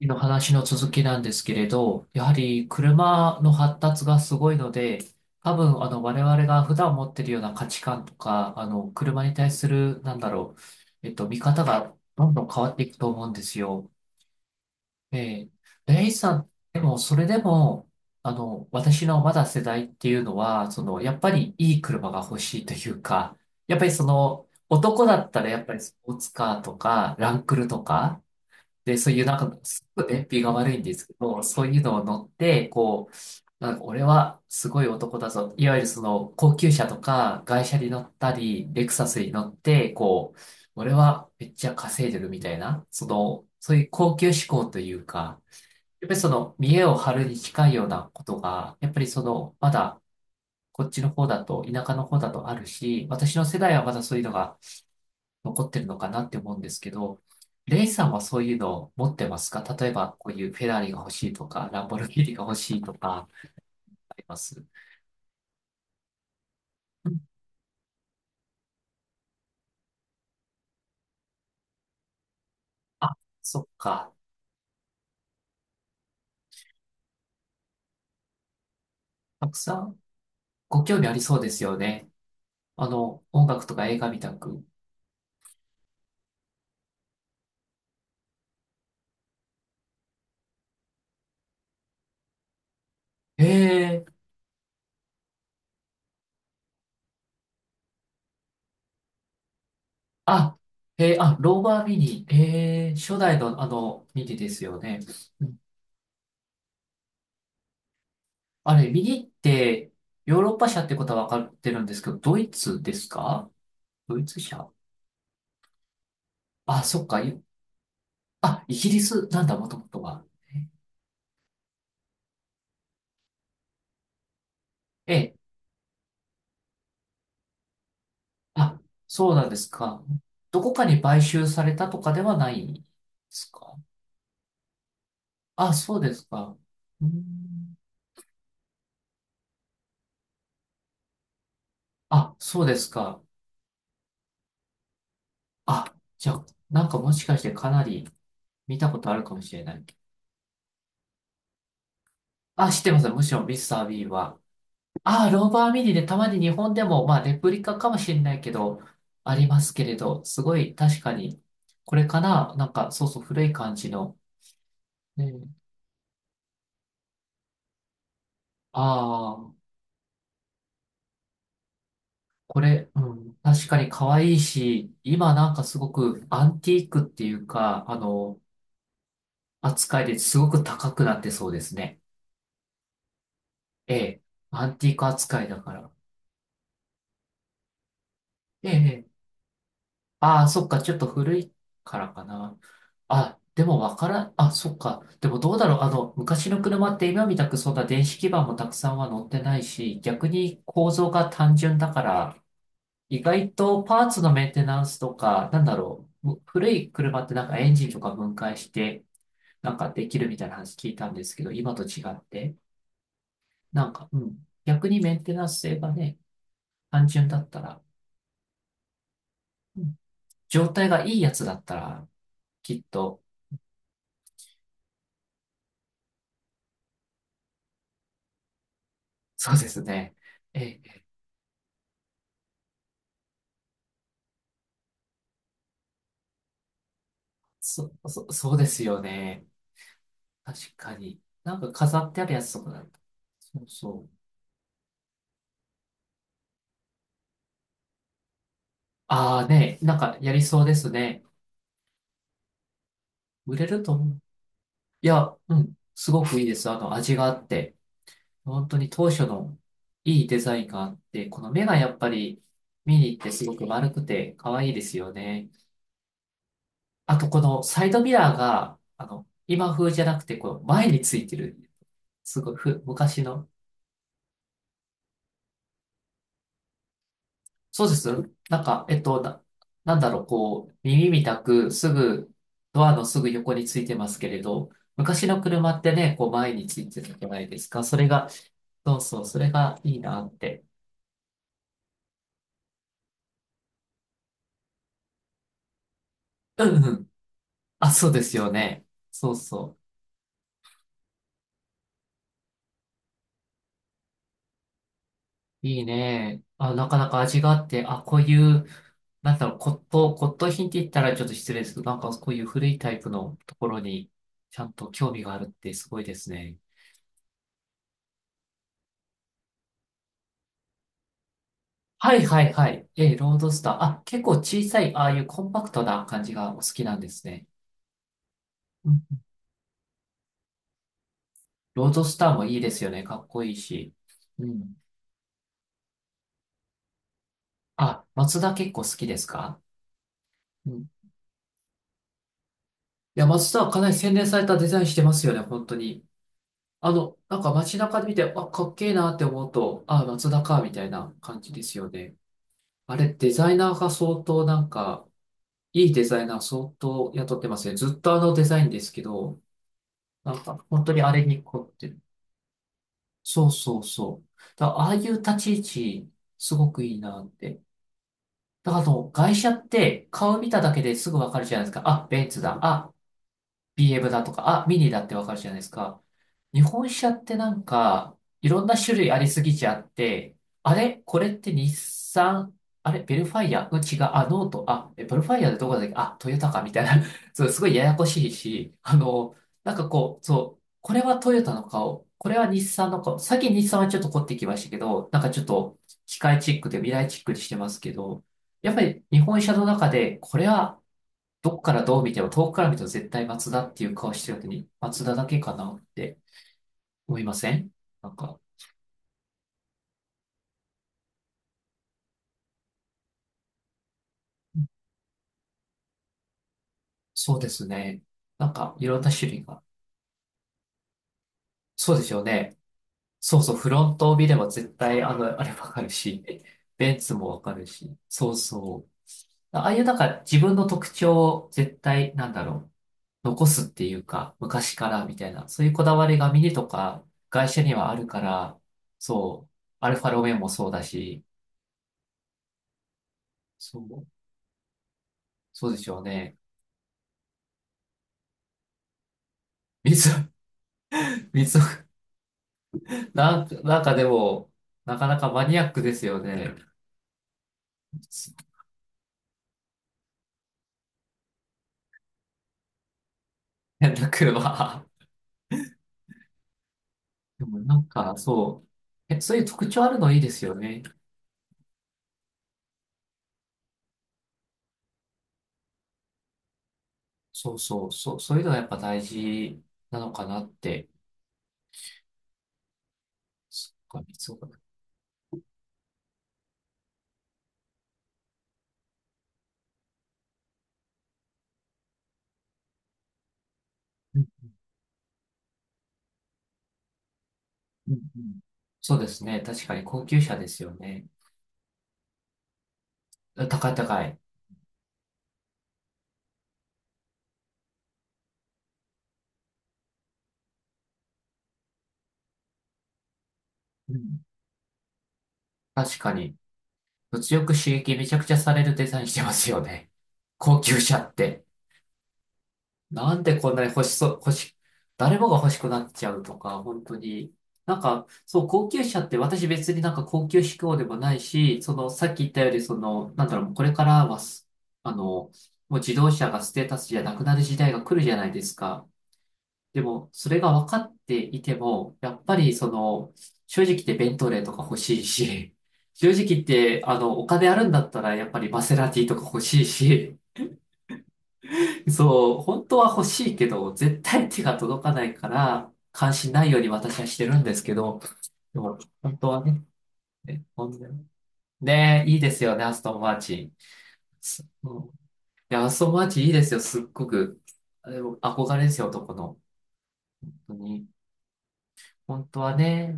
の話の続きなんですけれど、やはり車の発達がすごいので、多分我々が普段持ってるような価値観とか、あの車に対する、なんだろう、見方がどんどん変わっていくと思うんですよ。えレイさん、でもそれでも、私のまだ世代っていうのは、その、やっぱりいい車が欲しいというか、やっぱりその、男だったらやっぱりスポーツカーとか、ランクルとか、で、そういうなんか、すごく燃費が悪いんですけど、そういうのを乗って、こう、なんか俺はすごい男だぞ。いわゆるその高級車とか外車に乗ったり、レクサスに乗って、こう、俺はめっちゃ稼いでるみたいな、その、そういう高級志向というか、やっぱりその見栄を張るに近いようなことが、やっぱりその、まだこっちの方だと、田舎の方だとあるし、私の世代はまだそういうのが残ってるのかなって思うんですけど、レイさんはそういうのを持ってますか？例えば、こういうフェラーリが欲しいとか、ランボルギーニが欲しいとか、ありますうん、あ、そっか。たくさんご興味ありそうですよね。音楽とか映画みたく。ええ、あ、えー、あ、ローバーミニ。ええ、初代のミニですよね。うん、あれ、ミニって、ヨーロッパ車ってことは分かってるんですけど、ドイツですか？ドイツ車？あ、そっか。あ、イギリスなんだ、もともとは。ええ。あ、そうなんですか。どこかに買収されたとかではないんですか？あ、そうですか。うーん。あ、そうですか。あ、じゃあ、なんかもしかしてかなり見たことあるかもしれない。あ、知ってます。むしろミスター・ビーは。あ、ローバー・ミニでたまに日本でも、まあ、レプリカかもしれないけど、ありますけれど、すごい確かに、これかな？なんか、そうそう、古い感じの。ね、ああ。これ、うん、確かに可愛いし、今なんかすごくアンティークっていうか、扱いですごく高くなってそうですね。ええ、アンティーク扱いだから。ええ、ああ、そっか、ちょっと古いからかな。あ、でもわからん、あ、そっか。でもどうだろう、昔の車って今みたくそんな電子基板もたくさんは乗ってないし、逆に構造が単純だから、意外とパーツのメンテナンスとか、なんだろう、古い車ってなんかエンジンとか分解して、なんかできるみたいな話聞いたんですけど、今と違って、なんか、うん、逆にメンテナンス性がね、単純だったら、うん、状態がいいやつだったら、きっと、そうですね。え、そうですよね。確かに。なんか飾ってあるやつとかだった。そうそう。ああね、なんかやりそうですね。売れると思う。いや、うん、すごくいいです。味があって。本当に当初のいいデザインがあって、この目がやっぱり見に行ってすごく丸くて可愛いですよね。あと、このサイドミラーが、今風じゃなくて、こう、前についてる。すごいふ、昔の。そうです。なんか、なんだろう、こう、耳みたく、すぐ、ドアのすぐ横についてますけれど、昔の車ってね、こう、前についてたじゃないですか。それが、そうそう、それがいいなって。うんうん。あ、そうですよね。そうそう。いいね。あ、なかなか味があって、あ、こういう、なんだろう、骨董品って言ったらちょっと失礼ですけど、なんかこういう古いタイプのところに、ちゃんと興味があるってすごいですね。はいはいはい。えー、ロードスター。あ、結構小さい、ああいうコンパクトな感じがお好きなんですね。うん。ロードスターもいいですよね。かっこいいし。うん。あ、松田結構好きですか？うん。いや、松田はかなり洗練されたデザインしてますよね、本当に。なんか街中で見て、あ、かっけえなって思うと、あ、松田か、みたいな感じですよね。あれ、デザイナーが相当なんか、いいデザイナー相当雇ってますね。ずっとあのデザインですけど、なんか本当にあれに凝ってる。そうそう、そう。だからああいう立ち位置、すごくいいなって。だから外車って顔見ただけですぐわかるじゃないですか。あ、ベンツだ。あ、BM だとか、あ、ミニだってわかるじゃないですか。日本車ってなんか、いろんな種類ありすぎちゃって、あれこれって日産？あれベルファイア？うん、違う。あ、ノート。あ、え、ベルファイアでどこだっけ？あ、トヨタかみたいな。そう、すごいややこしいし、なんかこう、そう、これはトヨタの顔、これは日産の顔。さっき日産はちょっと凝ってきましたけど、なんかちょっと機械チックで未来チックにしてますけど、やっぱり日本車の中で、これはどこからどう見ても、遠くから見ても絶対松田っていう顔してるのに、松田だけかなって。思いません？なんか、そうですね。なんか、いろんな種類が。そうですよね。そうそう、フロントを見れば絶対、あれわかるし、ベンツもわかるし、そうそう。ああいうなんか自分の特徴を絶対、なんだろう、残すっていうか、昔からみたいな、そういうこだわりがミニとか会社にはあるから、そう、アルファロメオもそうだし、そう、そうでしょうね。水、水、なんか、なんかでも、なかなかマニアックですよね。変な車。でもなんか、そう、え、そういう特徴あるのいいですよね。そういうのがやっぱ大事なのかなって。そっか、そうか。うん、うん、うん。そうですね。確かに高級車ですよね。あ、高い高い。うん。確かに。物欲刺激めちゃくちゃされるデザインしてますよね。高級車って。なんでこんなに欲しそう、欲し、誰もが欲しくなっちゃうとか、本当に。なんか、そう、高級車って私別になんか高級志向でもないし、その、さっき言ったより、その、なんだろう、これからはす、あの、もう自動車がステータスじゃなくなる時代が来るじゃないですか。でも、それが分かっていても、やっぱりその、正直言ってベントレーとか欲しいし、正直言って、お金あるんだったら、やっぱりマセラティとか欲しいし、そう、本当は欲しいけど、絶対手が届かないから、関心ないように私はしてるんですけど、でも、本当はね、ね、本当にねえいいですよね、アストンマーチン。すうん、いや、アストンマーチンいいですよ、すっごく。あでも憧れですよ、男の。本当に。本当はね、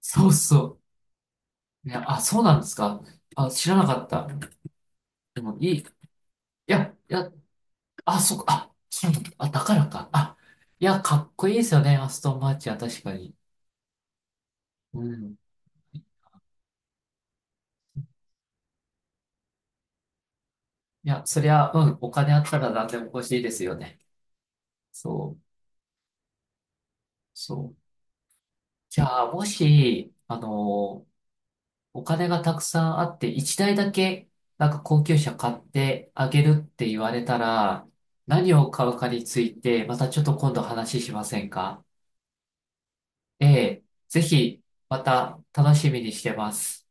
そうそう。いや、あ、そうなんですか。あ、知らなかった。でも、いい。いや、いや、あ、そっか、あ、そうなんだ。あ、だからか。あ、いや、かっこいいですよね、アストンマーチンは確かに。うん。いや、そりゃ、うん、お金あったら何でも欲しいですよね。そう、そう。じゃあ、もし、お金がたくさんあって、一台だけ、なんか高級車買ってあげるって言われたら、何を買うかについて、またちょっと今度話しませんか？ええ、ぜひ、また楽しみにしてます。